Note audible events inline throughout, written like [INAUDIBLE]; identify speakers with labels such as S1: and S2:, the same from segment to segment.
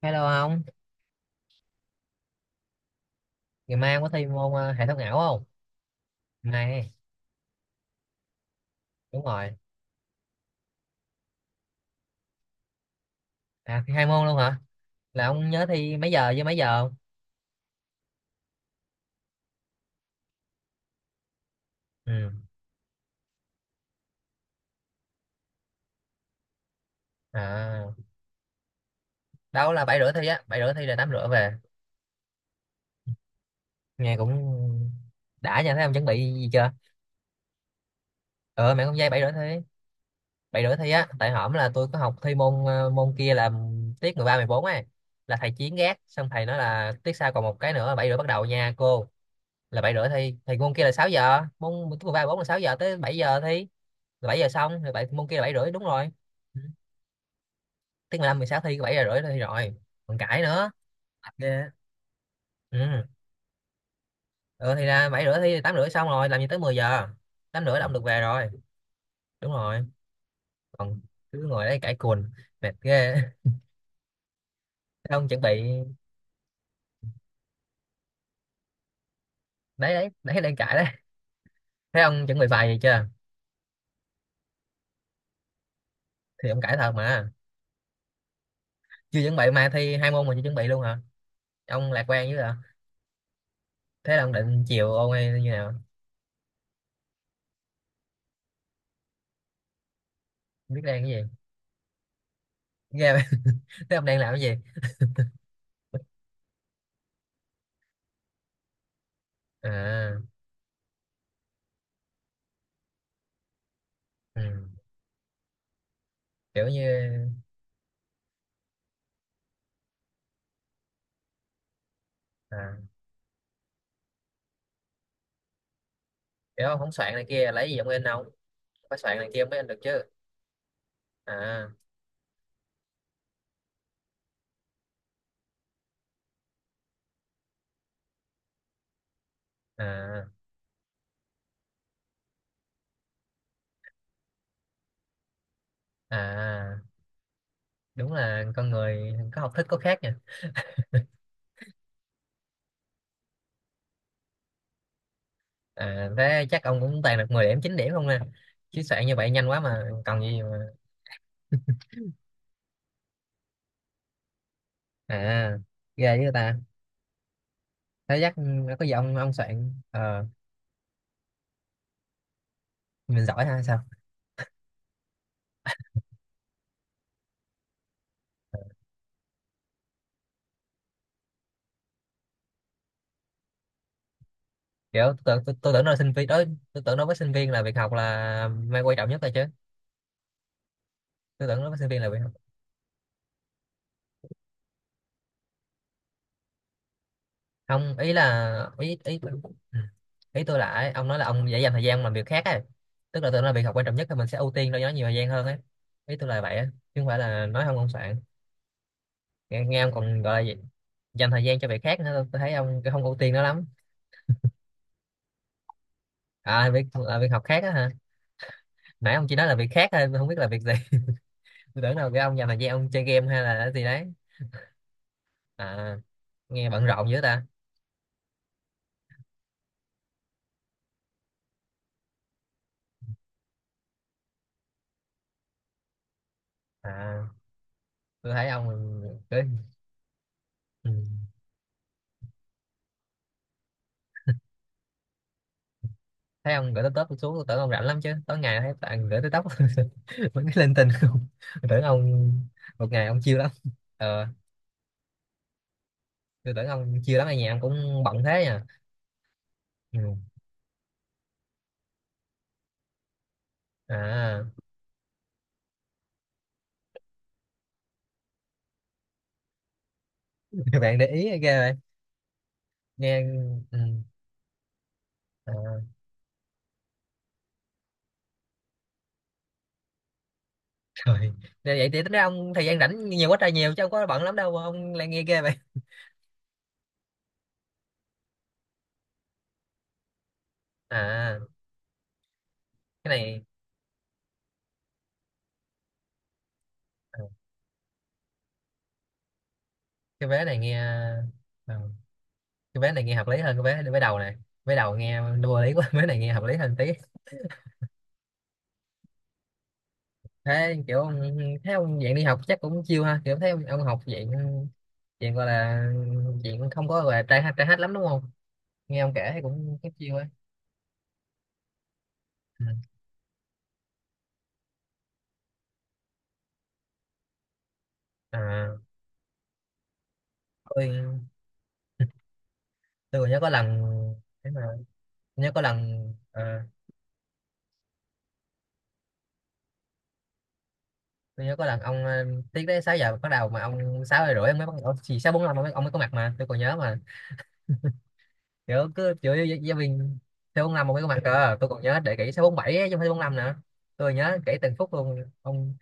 S1: Hello ông, ngày mai ông có thi môn hệ thống ảo không? Này, đúng rồi. À, thi hai môn luôn hả? Là ông nhớ thi mấy giờ với mấy giờ không? Ừ. À, đâu là bảy rưỡi thi á, bảy rưỡi thi là tám rưỡi về. Nghe cũng đã nha, thấy ông chuẩn bị gì chưa? Ờ, mẹ con dây bảy rưỡi thi á. Tại hổm là tôi có học thi môn môn kia là tiết 13, bốn ấy. Là thầy Chiến gác, xong thầy nói là tiết sau còn một cái nữa, bảy rưỡi bắt đầu nha cô. Là bảy rưỡi thi thì môn kia là 6 giờ, môn môn thứ ba bốn là 6 giờ tới 7 giờ thi, là 7 giờ xong rồi bảy môn kia là 7 rưỡi, đúng rồi. Ừ, tiếng 15 mười sáu thi 7 giờ rưỡi là thi rồi, còn cãi nữa. Yeah. Ừ. Ừ thì ra 7 rưỡi thi thì 8 rưỡi xong rồi, làm gì tới 10 giờ, 8 rưỡi là ông được về rồi, đúng rồi. Còn cứ ngồi đấy cãi cùn, mệt ghê. Thế ông chuẩn bị, đấy đấy đấy đang cãi đấy, thế ông chuẩn bị bài gì chưa? Thì ông cãi thật mà. Chưa chuẩn bị mai thi hai môn mà chưa chuẩn bị luôn hả? Ông lạc quan dữ hả? Thế là ông định chiều ôn hay như nào? Biết đang cái gì, nghe [LAUGHS] vậy? Thế ông đang làm cái gì? À, ừ. Kiểu như, à, kiểu ông không soạn này kia lấy gì ông in, ông phải soạn này kia mới in được chứ. À, à, à đúng là con người có học thức có khác nha. À, thế chắc ông cũng toàn được 10 điểm 9 điểm không nè. Chứ soạn như vậy nhanh quá mà còn gì mà. À, ghê với ta. Thế chắc có gì ông soạn mình giỏi hay sao? Kiểu tôi tưởng nó là sinh viên đó, tôi tưởng nó với sinh viên là việc học là mày quan trọng nhất rồi chứ. Tôi tưởng nó với sinh viên là việc, không ý là ý ý ừ. Ý tôi là ấy, ông nói là ông dễ dành thời gian làm việc khác ấy, tức là tôi nói là việc học quan trọng nhất thì mình sẽ ưu tiên cho nó nhiều thời gian hơn ấy. Ý tôi là vậy á, chứ không phải là nói không ông soạn. Nghe ông còn gọi là gì? Dành thời gian cho việc khác nữa, tôi thấy ông không ưu tiên nó lắm. À, việc là việc học khác á hả? Nãy ông chỉ nói là việc khác thôi, tôi không biết là việc gì. [LAUGHS] Tôi tưởng đâu cái ông dành thời gian ông chơi game hay là cái gì đấy. À, nghe bận rộn dữ ta. À, tôi thấy ông cứ ừ. Thấy ông gửi tới tớp, tôi xuống tôi tưởng ông rảnh lắm chứ, tối ngày thấy bạn gửi tới tóc [LAUGHS] vẫn cái lên tình không. Tôi [LAUGHS] tưởng ông một ngày ông chiêu lắm. Ờ, tôi tưởng ông chiêu lắm ở nhà ông cũng bận thế nha. Ừ. À, [LAUGHS] bạn để ý ghê vậy. Nghe ừ. À, trời. Nên vậy thì tính ra ông thời gian rảnh nhiều quá trời nhiều chứ không có bận lắm đâu mà ông lại nghe ghê vậy. À, cái này ờ, cái vé này nghe ờ, cái vé này nghe hợp lý hơn cái vé vé đầu này. Vé đầu nghe vô lý quá, [LAUGHS] vé này nghe hợp lý hơn tí. Thế kiểu ông- thấy ông dạng đi học chắc cũng chill ha, kiểu thấy ông học dạng, dạng gọi là, dạng không có gọi là trai hát lắm đúng không? Nghe ông kể thấy cũng cũng chill ấy. Ừ. À, tôi tôi còn nhớ có lần, thế mà nhớ có lần, à, tôi nhớ có lần ông tiết đấy 6 giờ bắt đầu mà ông 6 giờ rưỡi ông mới bắt đầu, chỉ sáu bốn năm ông mới có mặt mà tôi còn nhớ mà, kiểu cứ chửi giáo giáo viên. 6 năm ông mới có mặt cơ, tôi còn nhớ để kỹ sáu bốn bảy chứ không phải bốn năm nữa. Tôi nhớ kỹ từng phút luôn ông.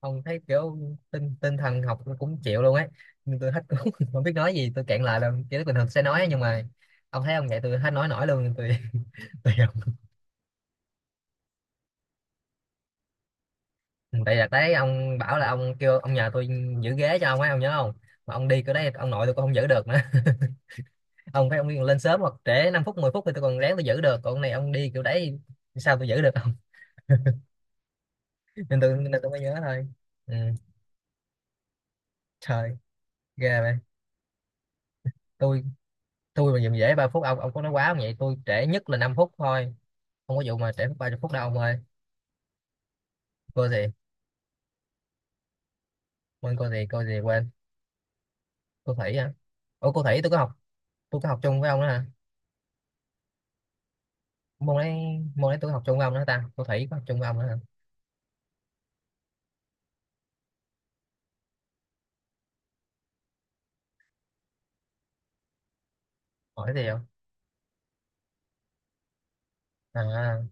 S1: Không thấy kiểu tinh tinh thần học tôi cũng chịu luôn ấy, nhưng tôi hết cũng [LAUGHS] không biết nói gì, tôi cạn lại là kiểu bình thường sẽ nói ấy, nhưng mà ông thấy ông vậy tôi hết nói nổi luôn nên tôi [LAUGHS] tôi không. Tại là đấy ông bảo là ông kêu ông nhờ tôi giữ ghế cho ông ấy ông nhớ không? Mà ông đi cái đấy ông nội tôi cũng không giữ được nữa. [LAUGHS] Ông phải ông đi lên sớm hoặc trễ 5 phút 10 phút thì tôi còn ráng tôi giữ được, còn ông này ông đi kiểu đấy sao tôi giữ được không? [LAUGHS] Nên tôi, nên tôi mới nhớ thôi. Ừ. Trời, ghê vậy. Tôi tôi mà dùm dễ ba phút, ông có nói quá không vậy, tôi trễ nhất là 5 phút thôi, không có vụ mà trễ mất 30 phút đâu ông ơi. Cô gì quên cô gì cô gì quên. Cô thủy hả? Ủa cô thủy tôi có học, tôi có học chung với ông đó hả? Môn đấy, môn đấy tôi học chung với ông đó ta, cô thủy có học chung với ông đó hả? Hỏi gì không? À,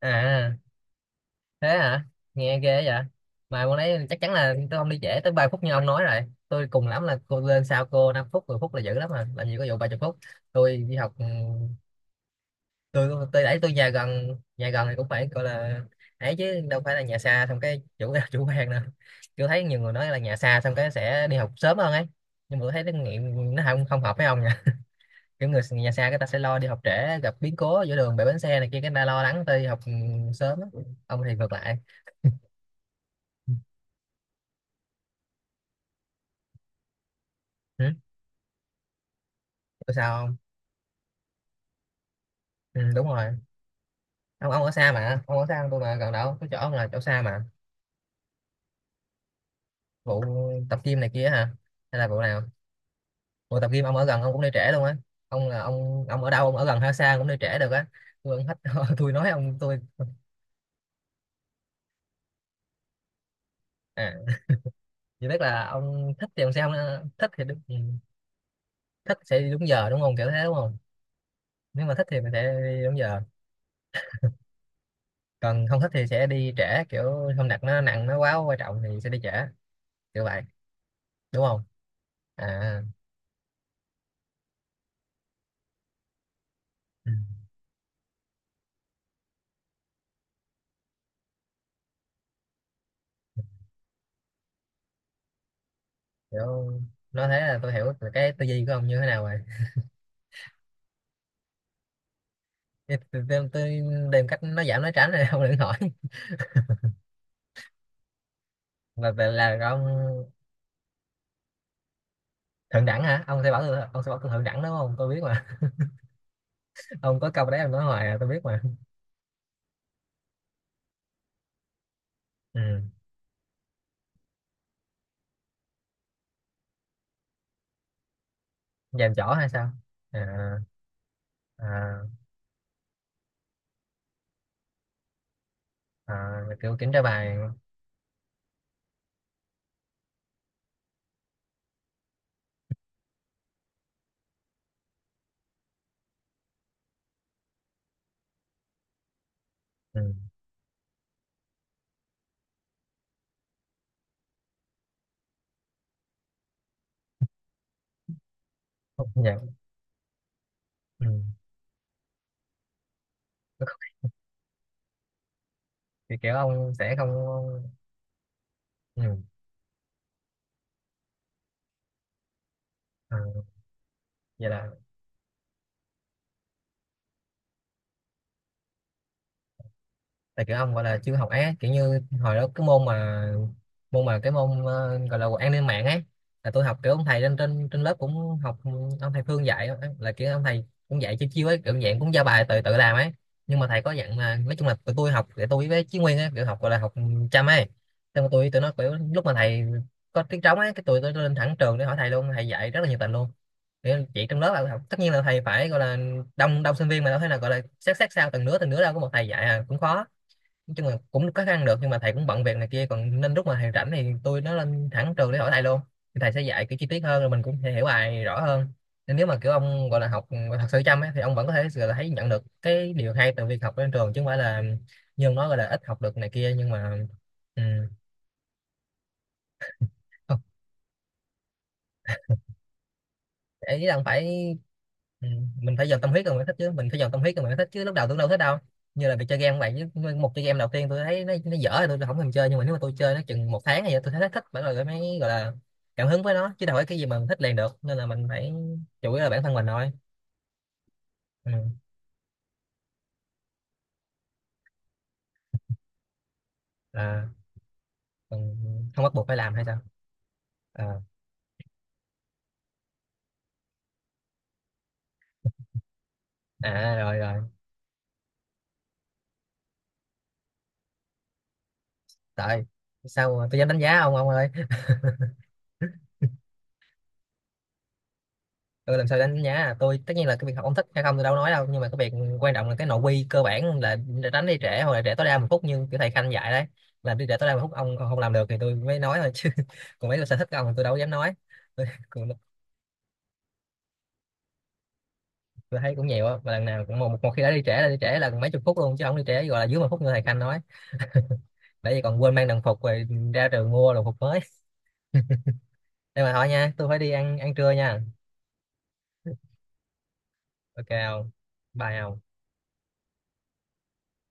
S1: à, à. Thế hả? Nghe ghê vậy. Mà môn đấy chắc chắn là tôi không đi trễ tới 30 phút như ông nói rồi, tôi cùng lắm là cô lên sau cô 5 phút 10 phút là dữ lắm, mà làm gì có vụ 30 phút. Tôi đi học ừ, tôi đấy tôi nhà gần, nhà gần thì cũng phải gọi là ấy chứ đâu phải là nhà xa xong cái chủ [LAUGHS] chủ quan nữa. Tôi thấy nhiều người nói là nhà xa xong cái sẽ đi học sớm hơn ấy, nhưng mà tôi thấy nó nghiệm nó không không hợp với ông nha. Kiểu người nhà xa người ta sẽ lo đi học trễ gặp biến cố giữa đường bể bánh xe này kia cái người ta lo lắng tới đi học sớm á. Ông thì ngược lại. Ừ? Tôi sao không? Ừ, đúng rồi. Ông ở xa mà, ông ở xa hơn tôi mà, gần đâu, tôi chỗ ông là chỗ xa mà. Vụ tập gym này kia hả, hay là vụ nào? Ủa tập gym ông ở gần ông cũng đi trễ luôn á? Ông là ông ở đâu, ông ở gần hay xa cũng đi trễ được á. Tôi ông thích [LAUGHS] tôi nói ông tôi, à, chỉ biết là ông thích thì ông sẽ không, thích thì đúng, ừ, thích sẽ đi đúng giờ đúng không, kiểu thế đúng không? Nếu mà thích thì mình sẽ đi đúng giờ, còn không thích thì sẽ đi trễ, kiểu không đặt nó nặng nó quá quan trọng thì sẽ đi trễ, kiểu vậy đúng không? À ừ, kiểu nói thế là tôi hiểu là cái tư duy của ông như thế nào rồi. Tôi tìm cách nó giảm nói tránh rồi, [LAUGHS] ông đừng hỏi mà, là ông thượng đẳng hả, ông sẽ bảo tôi, ông sẽ bảo tôi thượng đẳng đúng không, tôi biết mà. [LAUGHS] Ông có câu đấy ông nói hoài à, tôi biết mà. Ừ. Dàn trỏ hay sao? À, à, à, kiểu kiểm tra bài. Ừ. Dạ, ừ. Kiểu kiểu ông sẽ không, ừ. À, vậy là kiểu ông gọi là chưa học á, kiểu như hồi đó cái môn mà, môn mà cái môn gọi là an ninh mạng ấy, là tôi học kiểu ông thầy trên trên trên lớp cũng học ừ, ông thầy Phương dạy á, là kiểu ông thầy cũng dạy chiêu chiêu ấy, kiểu dạng cũng giao bài tự tự làm ấy. Nhưng mà thầy có dặn là nói chung là tụi tôi học, để tôi với Chí Nguyên ấy kiểu học gọi là học chăm ấy, xong rồi tôi tụi nó kiểu lúc mà thầy có tiếng trống ấy cái tụi tôi lên thẳng trường để hỏi thầy luôn, thầy dạy rất là nhiệt tình luôn. Kiểu chỉ trong lớp là học, tất nhiên là thầy phải gọi là đông đông sinh viên mà, đâu thế nào gọi là xét xét sao từng đứa từng đứa, đâu có một thầy dạy à, cũng khó. Nói chung là cũng có khăn được, nhưng mà thầy cũng bận việc này kia còn, nên lúc mà thầy rảnh thì tôi nó lên thẳng trường để hỏi thầy luôn, thì thầy sẽ dạy kiểu chi tiết hơn rồi mình cũng sẽ hiểu bài rõ hơn. Nên nếu mà kiểu ông gọi là học thật sự chăm ấy, thì ông vẫn có thể gọi là thấy nhận được cái điều hay từ việc học trên trường, chứ không phải là như ông nói gọi là ít học được này kia, nhưng mà ừ. Ý là phải ừ, mình phải dồn tâm huyết rồi mới thích chứ, mình phải dồn tâm huyết rồi mới thích chứ, lúc đầu tôi đâu thích đâu. Như là việc chơi game cũng vậy, chứ một chơi game đầu tiên tôi thấy nó dở rồi tôi không thèm chơi, nhưng mà nếu mà tôi chơi nó chừng một tháng thì tôi thấy nó thích bởi, rồi mới gọi là cảm hứng với nó, chứ đâu phải cái gì mà mình thích liền được, nên là mình phải chủ yếu là bản thân mình thôi. Ừ. À, còn không bắt buộc phải làm hay sao? À, à rồi rồi. Trời, sao tôi dám đánh giá ông ơi. Ừ, làm sao đánh giá, tôi tất nhiên là cái việc học ông thích hay không tôi đâu nói đâu, nhưng mà cái việc quan trọng là cái nội quy cơ bản là đánh đi trễ hoặc là trễ tối đa một phút như kiểu thầy Khanh dạy đấy, là đi trễ tối đa một phút ông không làm được thì tôi mới nói thôi chứ. [LAUGHS] Còn mấy cái sở thích của ông thì tôi đâu dám nói. Tôi, cũng- tôi thấy cũng nhiều á, và lần nào cũng một, một khi đã đi trễ là mấy chục phút luôn, chứ không đi trễ gọi là dưới một phút như thầy Khanh nói. Bởi vì còn quên mang đồng phục rồi ra trường mua đồng phục mới. [LAUGHS] Đây mà thôi nha, tôi phải đi ăn ăn trưa nha. Ok không? Bye không?